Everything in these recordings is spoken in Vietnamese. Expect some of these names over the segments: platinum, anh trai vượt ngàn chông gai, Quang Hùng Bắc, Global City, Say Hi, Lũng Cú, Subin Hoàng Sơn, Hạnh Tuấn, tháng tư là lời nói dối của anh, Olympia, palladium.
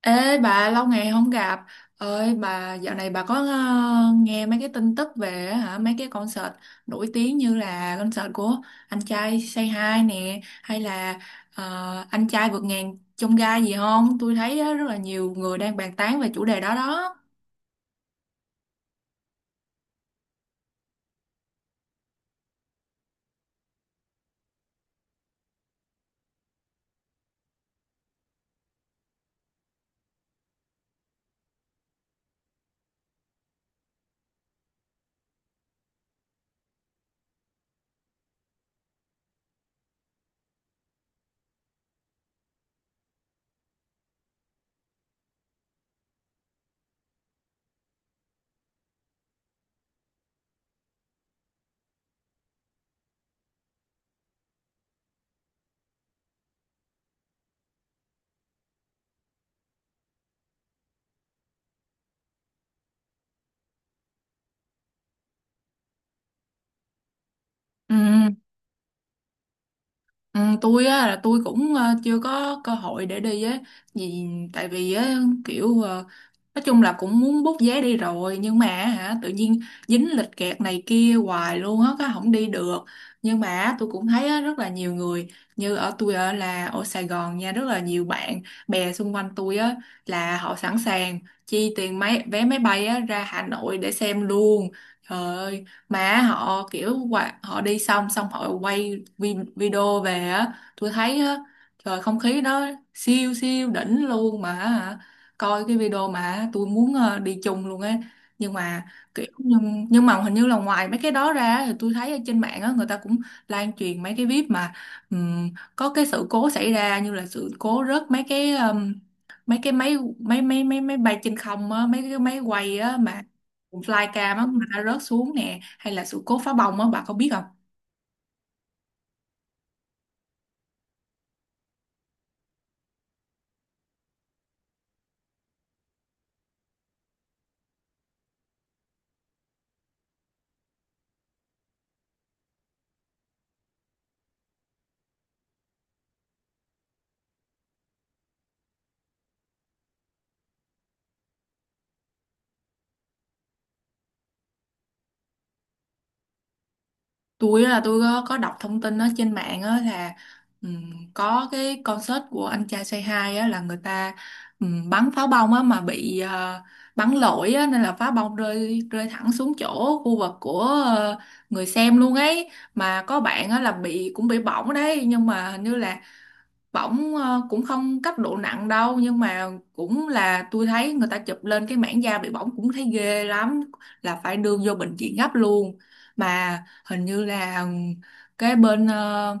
Ê bà, lâu ngày không gặp ơi bà, dạo này bà có nghe mấy cái tin tức về hả mấy cái concert nổi tiếng như là concert của anh trai Say Hi nè, hay là anh trai vượt ngàn chông gai gì không? Tôi thấy á, rất là nhiều người đang bàn tán về chủ đề đó đó. Ừ. Ừ, tôi á là tôi cũng chưa có cơ hội để đi á, vì tại vì á kiểu nói chung là cũng muốn bút vé đi rồi, nhưng mà hả tự nhiên dính lịch kẹt này kia hoài luôn á cái không đi được. Nhưng mà tôi cũng thấy á, rất là nhiều người như ở tôi ở là ở Sài Gòn nha, rất là nhiều bạn bè xung quanh tôi á là họ sẵn sàng chi tiền vé máy bay á ra Hà Nội để xem luôn. Trời ơi, mà họ kiểu họ đi xong xong họ quay video về á, tôi thấy á trời không khí đó siêu siêu đỉnh luôn mà hả, coi cái video mà tôi muốn đi chung luôn á. Nhưng mà nhưng mà hình như là ngoài mấy cái đó ra thì tôi thấy ở trên mạng á người ta cũng lan truyền mấy cái clip mà ừm, có cái sự cố xảy ra, như là sự cố rớt mấy cái máy máy máy máy máy bay trên không á, mấy cái máy quay á mà flycam á mà đã rớt xuống nè, hay là sự cố phá bông á, bà có biết không? Tôi á là tôi có đọc thông tin ở trên mạng á là có cái concert của anh trai Say Hi á là người ta bắn pháo bông á mà bị bắn lỗi á, nên là pháo bông rơi rơi thẳng xuống chỗ khu vực của ờ, người xem luôn ấy. Mà có bạn á là cũng bị bỏng đấy, nhưng mà hình như là bỏng cũng không cấp độ nặng đâu, nhưng mà cũng là tôi thấy người ta chụp lên cái mảng da bị bỏng cũng thấy ghê lắm, là phải đưa vô bệnh viện gấp luôn. Mà hình như là cái bên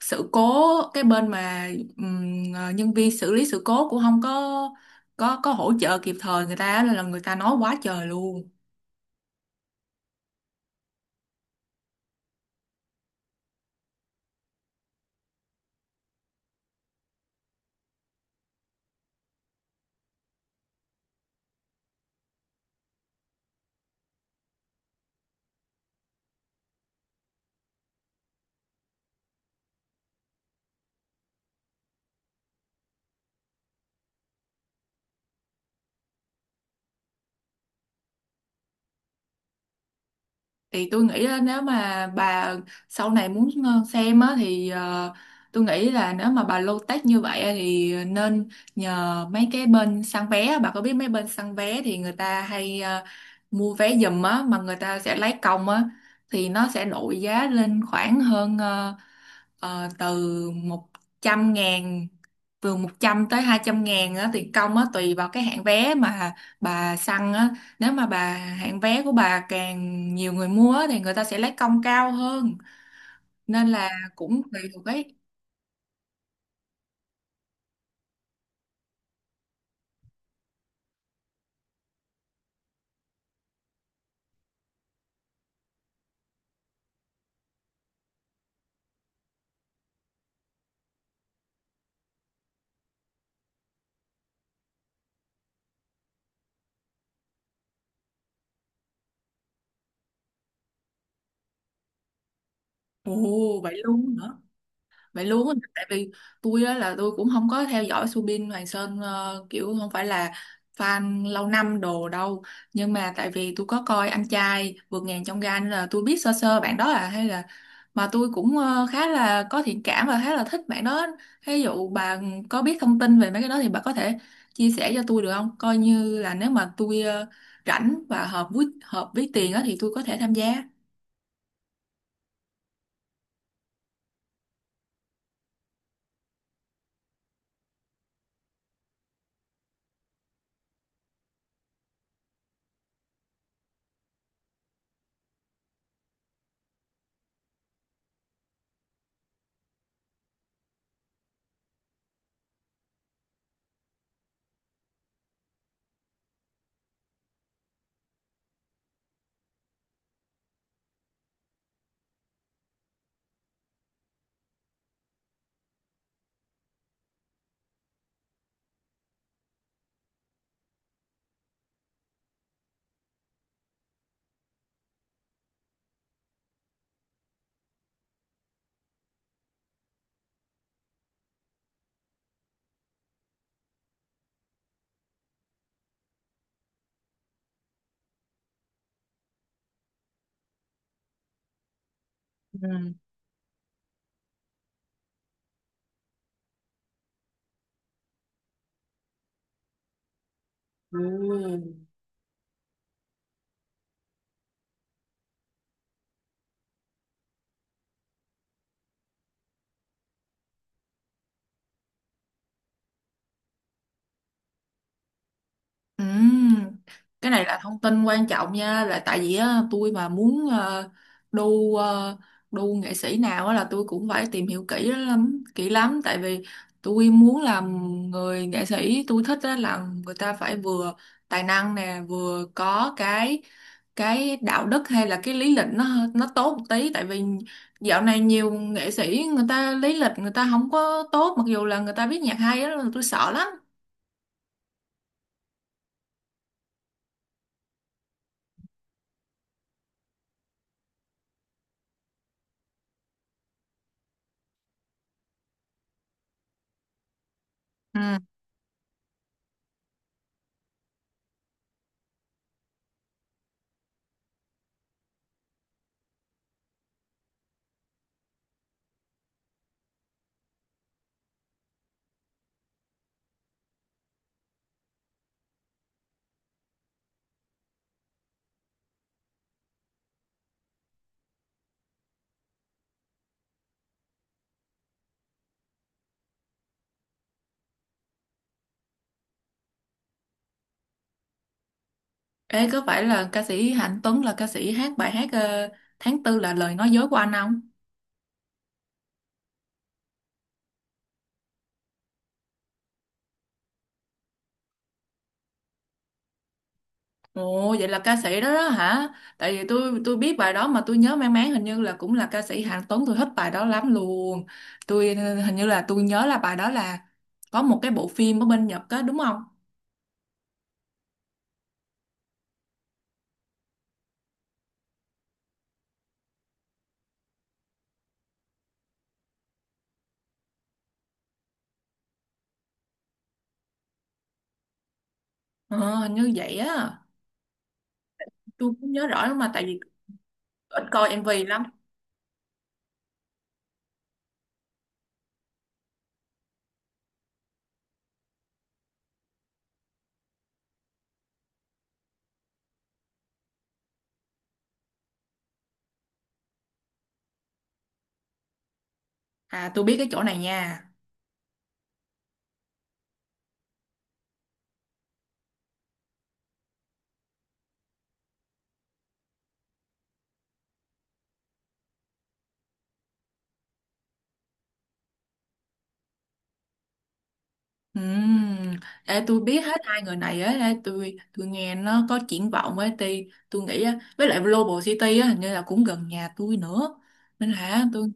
sự cố, cái bên mà nhân viên xử lý sự cố cũng không có hỗ trợ kịp thời người ta, nên là người ta nói quá trời luôn. Thì tôi nghĩ là nếu mà bà sau này muốn xem á thì tôi nghĩ là nếu mà bà low tech như vậy á thì nên nhờ mấy cái bên săn vé á. Bà có biết mấy bên săn vé thì người ta hay mua vé giùm á, mà người ta sẽ lấy công á, thì nó sẽ đội giá lên khoảng hơn Ờ, từ một trăm ngàn từ 100 tới 200.000 á, tiền công á, tùy vào cái hạng vé mà bà săn á. Nếu mà bà hạng vé của bà càng nhiều người mua á, thì người ta sẽ lấy công cao hơn. Nên là cũng tùy thuộc cái... Ồ, vậy luôn, vậy luôn, tại vì tôi á là tôi cũng không có theo dõi Subin Hoàng Sơn, kiểu không phải là fan lâu năm đồ đâu, nhưng mà tại vì tôi có coi anh trai vượt ngàn chông gai nên là tôi biết sơ sơ bạn đó à, hay là mà tôi cũng khá là có thiện cảm và khá là thích bạn đó. Ví dụ bà có biết thông tin về mấy cái đó thì bà có thể chia sẻ cho tôi được không, coi như là nếu mà tôi rảnh và hợp với tiền á thì tôi có thể tham gia. Ừ. Ừm, cái này là thông tin quan trọng nha, là tại vì á, tôi mà muốn đu ờ, đu nghệ sĩ nào á, là tôi cũng phải tìm hiểu kỹ lắm kỹ lắm, tại vì tôi muốn làm người nghệ sĩ tôi thích á, là người ta phải vừa tài năng nè, vừa có cái đạo đức, hay là cái lý lịch nó tốt một tí, tại vì dạo này nhiều nghệ sĩ người ta lý lịch người ta không có tốt, mặc dù là người ta biết nhạc hay á tôi sợ lắm. Ừ. Ê, có phải là ca sĩ Hạnh Tuấn là ca sĩ hát bài hát tháng tư là lời nói dối của anh không? Ồ, vậy là ca sĩ đó đó hả? Tại vì tôi biết bài đó mà tôi nhớ mang máng hình như là cũng là ca sĩ Hạnh Tuấn, tôi thích bài đó lắm luôn. Tôi hình như là tôi nhớ là bài đó là có một cái bộ phim ở bên Nhật á đúng không? Ờ, hình như vậy á. Tôi cũng nhớ rõ lắm, mà tại vì ít coi MV lắm. À, tôi biết cái chỗ này nha. Ừm, Ê, tôi biết hết hai người này á, ê, tôi nghe nó có triển vọng ấy, tôi nghĩ á, với lại Global City á, hình như là cũng gần nhà tôi nữa, nên là tôi...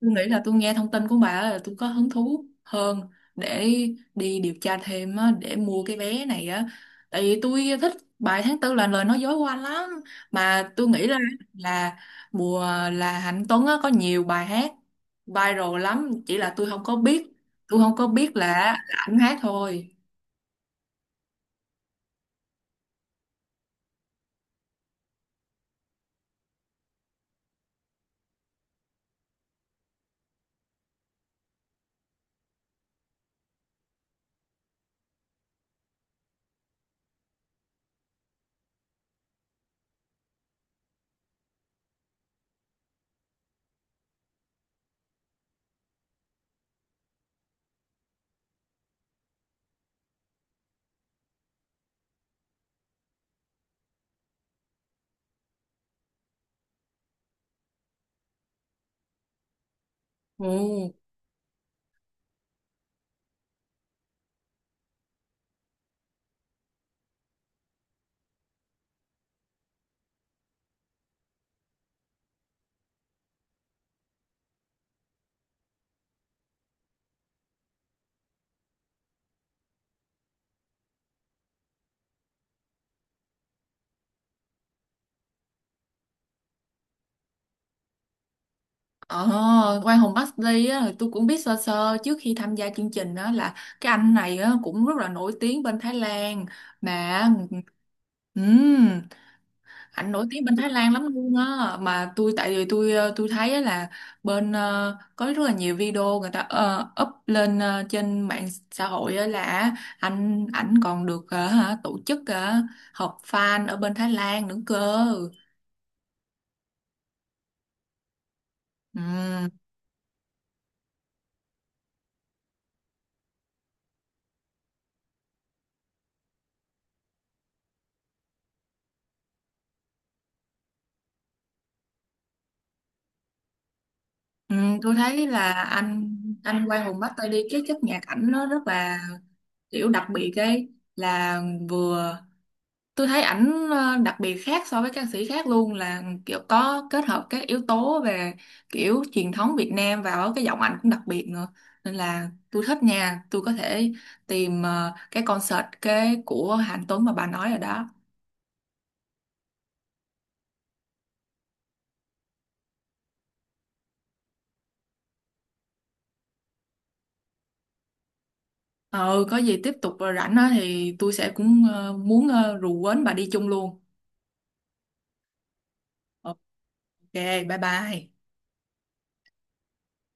Tôi nghĩ là tôi nghe thông tin của bà á là tôi có hứng thú hơn để đi điều tra thêm á, để mua cái vé này á. Tại vì tôi thích bài tháng tư là lời nói dối của anh lắm. Mà tôi nghĩ là mùa là Hạnh Tuấn á, có nhiều bài hát viral lắm. Chỉ là tôi không có biết. Tôi không có biết là ảnh hát thôi. Ừ. Ờ, Quang Hùng Bắc á, tôi cũng biết sơ sơ trước khi tham gia chương trình đó, là cái anh này á, cũng rất là nổi tiếng bên Thái Lan, mà ừm, anh nổi tiếng bên Thái Lan lắm luôn á, mà tôi tại vì tôi ờ, tôi thấy á là bên có rất là nhiều video người ta up lên trên mạng xã hội á, là ảnh còn được hả, tổ chức họp fan ở bên Thái Lan nữa cơ. Ừ, tôi thấy là anh Quang Hùng bắt tay đi, cái chất nhạc ảnh nó rất là kiểu đặc biệt ấy, là vừa tôi thấy ảnh đặc biệt khác so với ca sĩ khác luôn, là kiểu có kết hợp các yếu tố về kiểu truyền thống Việt Nam vào, cái giọng ảnh cũng đặc biệt nữa, nên là tôi thích nha, tôi có thể tìm cái concert của Hạnh Tuấn mà bà nói rồi đó. Ừ, có gì tiếp tục rảnh á thì tôi sẽ cũng muốn rủ quến bà đi chung luôn. Ok, bye bye.